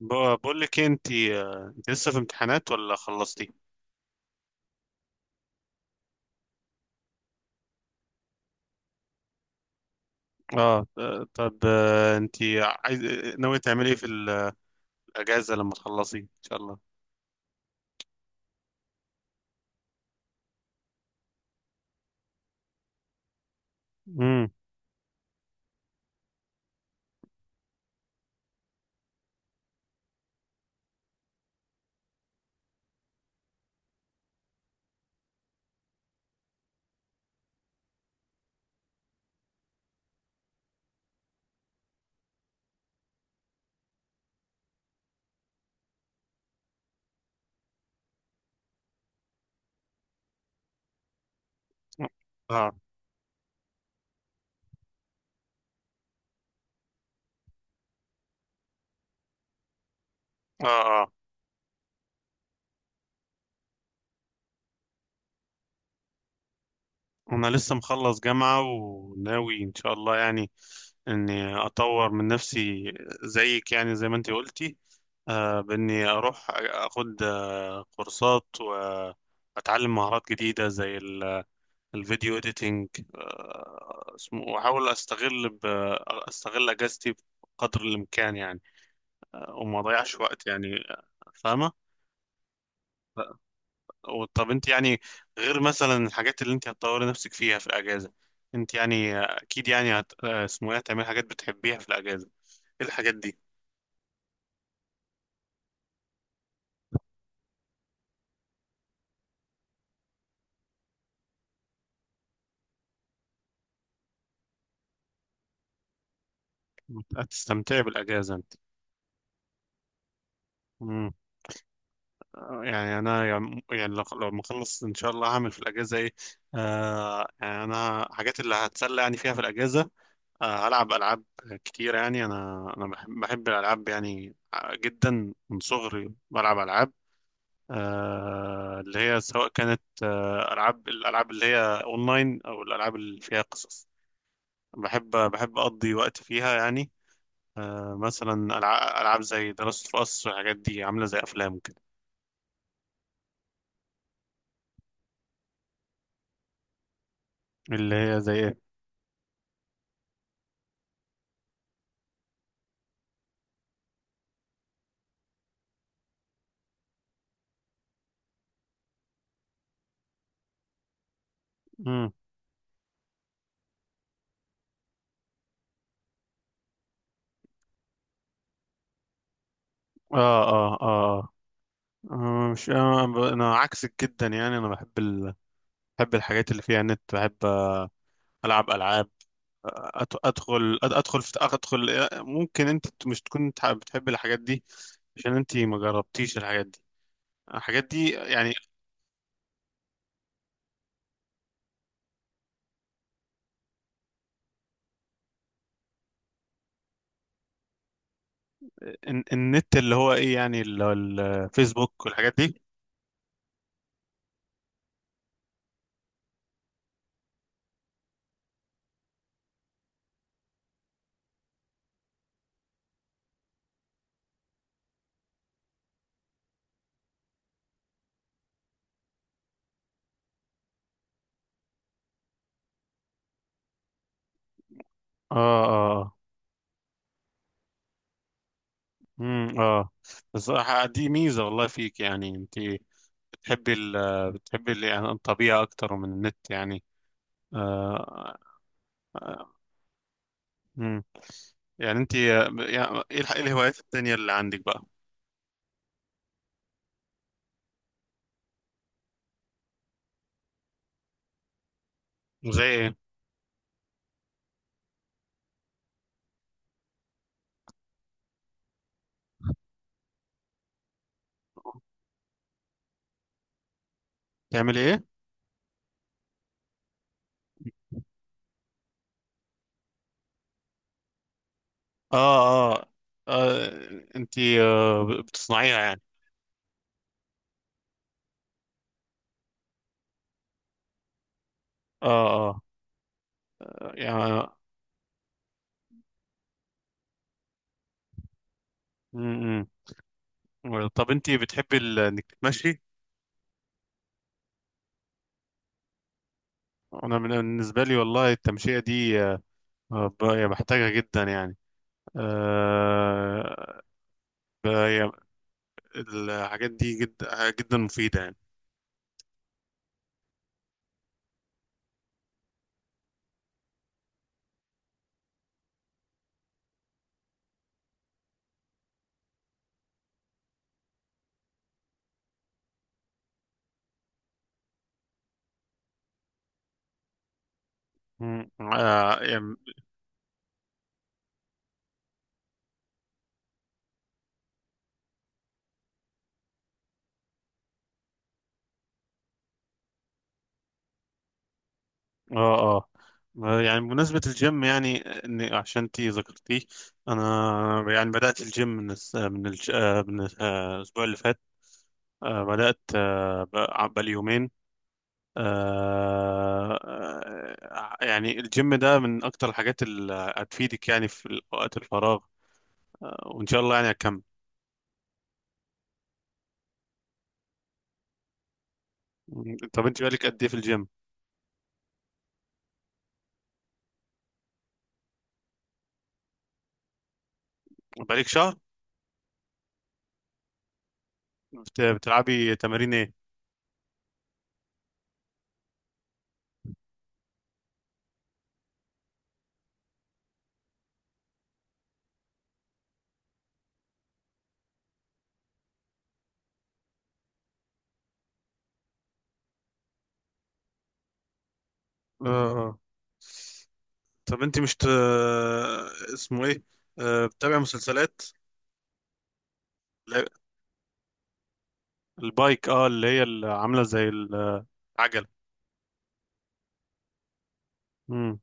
بقول لك إيه، انت انت لسه في امتحانات ولا خلصتي؟ اه، طب، انت عايز ناوي تعملي ايه في الاجازه لما تخلصي ان شاء الله؟ امم. اه، اه، اه، انا لسه مخلص جامعه وناوي ان شاء الله يعني اني اطور من نفسي، زيك يعني، زي ما انت قلتي. باني اروح اخد كورسات واتعلم مهارات جديده زي الفيديو اديتنج، واحاول استغل اجازتي بقدر الامكان يعني، وما اضيعش وقت يعني، فاهمه؟ طب انت يعني، غير مثلا الحاجات اللي انت هتطوري نفسك فيها في الاجازه، انت يعني اكيد يعني اسمه ايه هتعملي حاجات بتحبيها في الاجازه. ايه الحاجات دي؟ هتستمتعي بالاجازه انت. مم. يعني انا يعني لو ما اخلص ان شاء الله هعمل في الاجازه ايه. يعني انا حاجات اللي هتسلى يعني فيها في الاجازه، ألعب ألعاب كتير يعني. أنا بحب الألعاب يعني، جدا، من صغري بلعب ألعاب. اللي هي سواء كانت الألعاب اللي هي أونلاين أو الألعاب اللي فيها قصص. بحب أقضي وقت فيها يعني. مثلا ألعاب زي ذا لاست أوف أس والحاجات دي، عاملة زي أفلام كده. اللي هي زي إيه؟ مم. آه، آه، آه. مش أنا عكسك جدا يعني. أنا بحب الحاجات اللي فيها نت. بحب ألعب ألعاب. ادخل. ممكن انت مش تكون بتحب الحاجات دي عشان انت ما جربتيش الحاجات دي، يعني. النت، اللي هو ايه يعني اللي هو الفيسبوك والحاجات دي. اه، اه، امم، اه. بس دي ميزة والله فيك يعني. انت يعني الطبيعة اكتر من النت يعني. آه، آه. امم. يعني انت يعني إيه الهوايات التانية اللي عندك بقى؟ زي ايه؟ بتعملي ايه؟ اه، اه، آه. انتي بتصنعيها يعني؟ اه، اه، يعني، م -م. طب انتي بتحبي انك تتمشي؟ انا بالنسبه لي والله التمشيه دي، يعني بحتاجها جدا يعني. آه يعني الحاجات دي جدا جدا مفيده يعني. م- يعني. اه، اه، يعني بمناسبة الجيم يعني، إن عشان انتي ذكرتيه. أنا يعني بدأت الجيم من الأسبوع اللي فات. بدأت، بقالي يومين. يعني الجيم ده من أكتر الحاجات اللي هتفيدك يعني في وقت الفراغ، وإن شاء الله يعني هتكمل. طب أنت بقالك قد إيه في الجيم؟ بقالك شهر؟ بتلعبي تمارين إيه؟ آه. آه. طب أنت مش ت... اسمه إيه؟ بتتابع مسلسلات؟ لا. البايك، اه، اللي هي اللي عاملة زي العجلة. مم.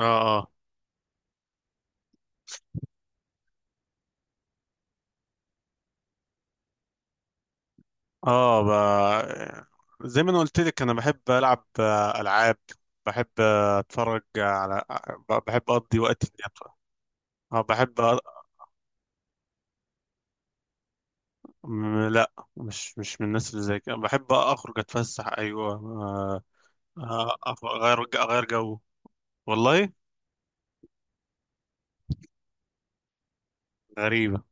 اه، اه. زي ما انا قلت لك، انا بحب العب العاب. بحب اتفرج على. بحب اقضي وقت اليابان. اه، بحب لا، مش من الناس اللي زي كده. بحب اخرج اتفسح، ايوه، اغير جو، والله غريبة.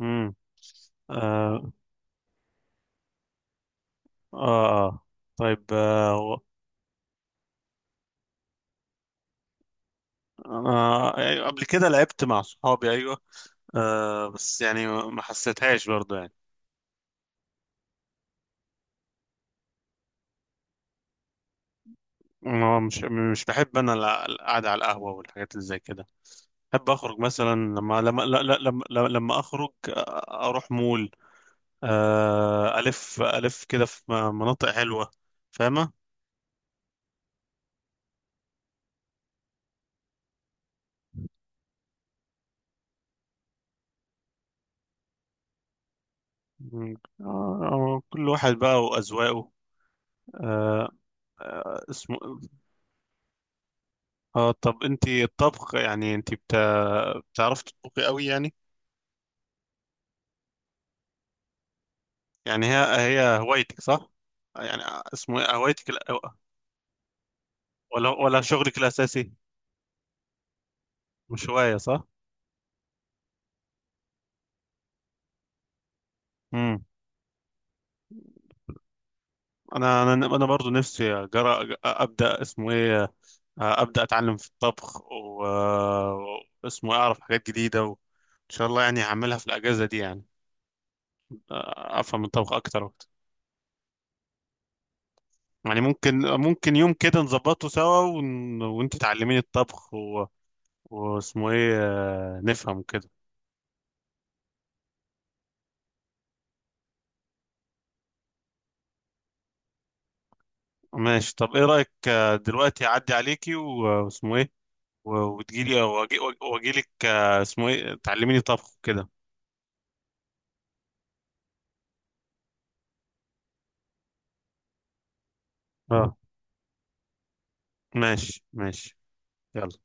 امم. آه. آه. آه. طيب. انا، أيوة، قبل كده لعبت مع صحابي، ايوه، بس يعني ما حسيتهاش برضه يعني. هو، مش بحب انا القعده على القهوه والحاجات اللي زي كده. بحب اخرج مثلا، لما لما لا- لا- لما لما لما اخرج اروح مول. الف كده في مناطق حلوه، فاهمه؟ مم. آه، كل واحد بقى واذواقه. آه، آه، اسمه طب انت الطبخ، يعني انت بتعرف تطبخي قوي يعني؟ يعني هي هوايتك صح يعني؟ اسمه إيه؟ هوايتك ولا شغلك الاساسي؟ مش هوايه صح؟ انا برضو نفسي أجرأ ابدا. اسمه ايه ابدا اتعلم في الطبخ، اعرف حاجات جديده، وان شاء الله يعني هعملها في الاجازه دي يعني، افهم الطبخ اكتر وقت. يعني ممكن يوم كده نظبطه سوا، وانت تعلميني الطبخ واسمه ايه نفهم كده. ماشي. طب ايه رايك دلوقتي اعدي عليكي، واسمه ايه واجي، واجيلك اسمه ايه تعلميني طبخ كده. اه، ماشي، ماشي، يلا.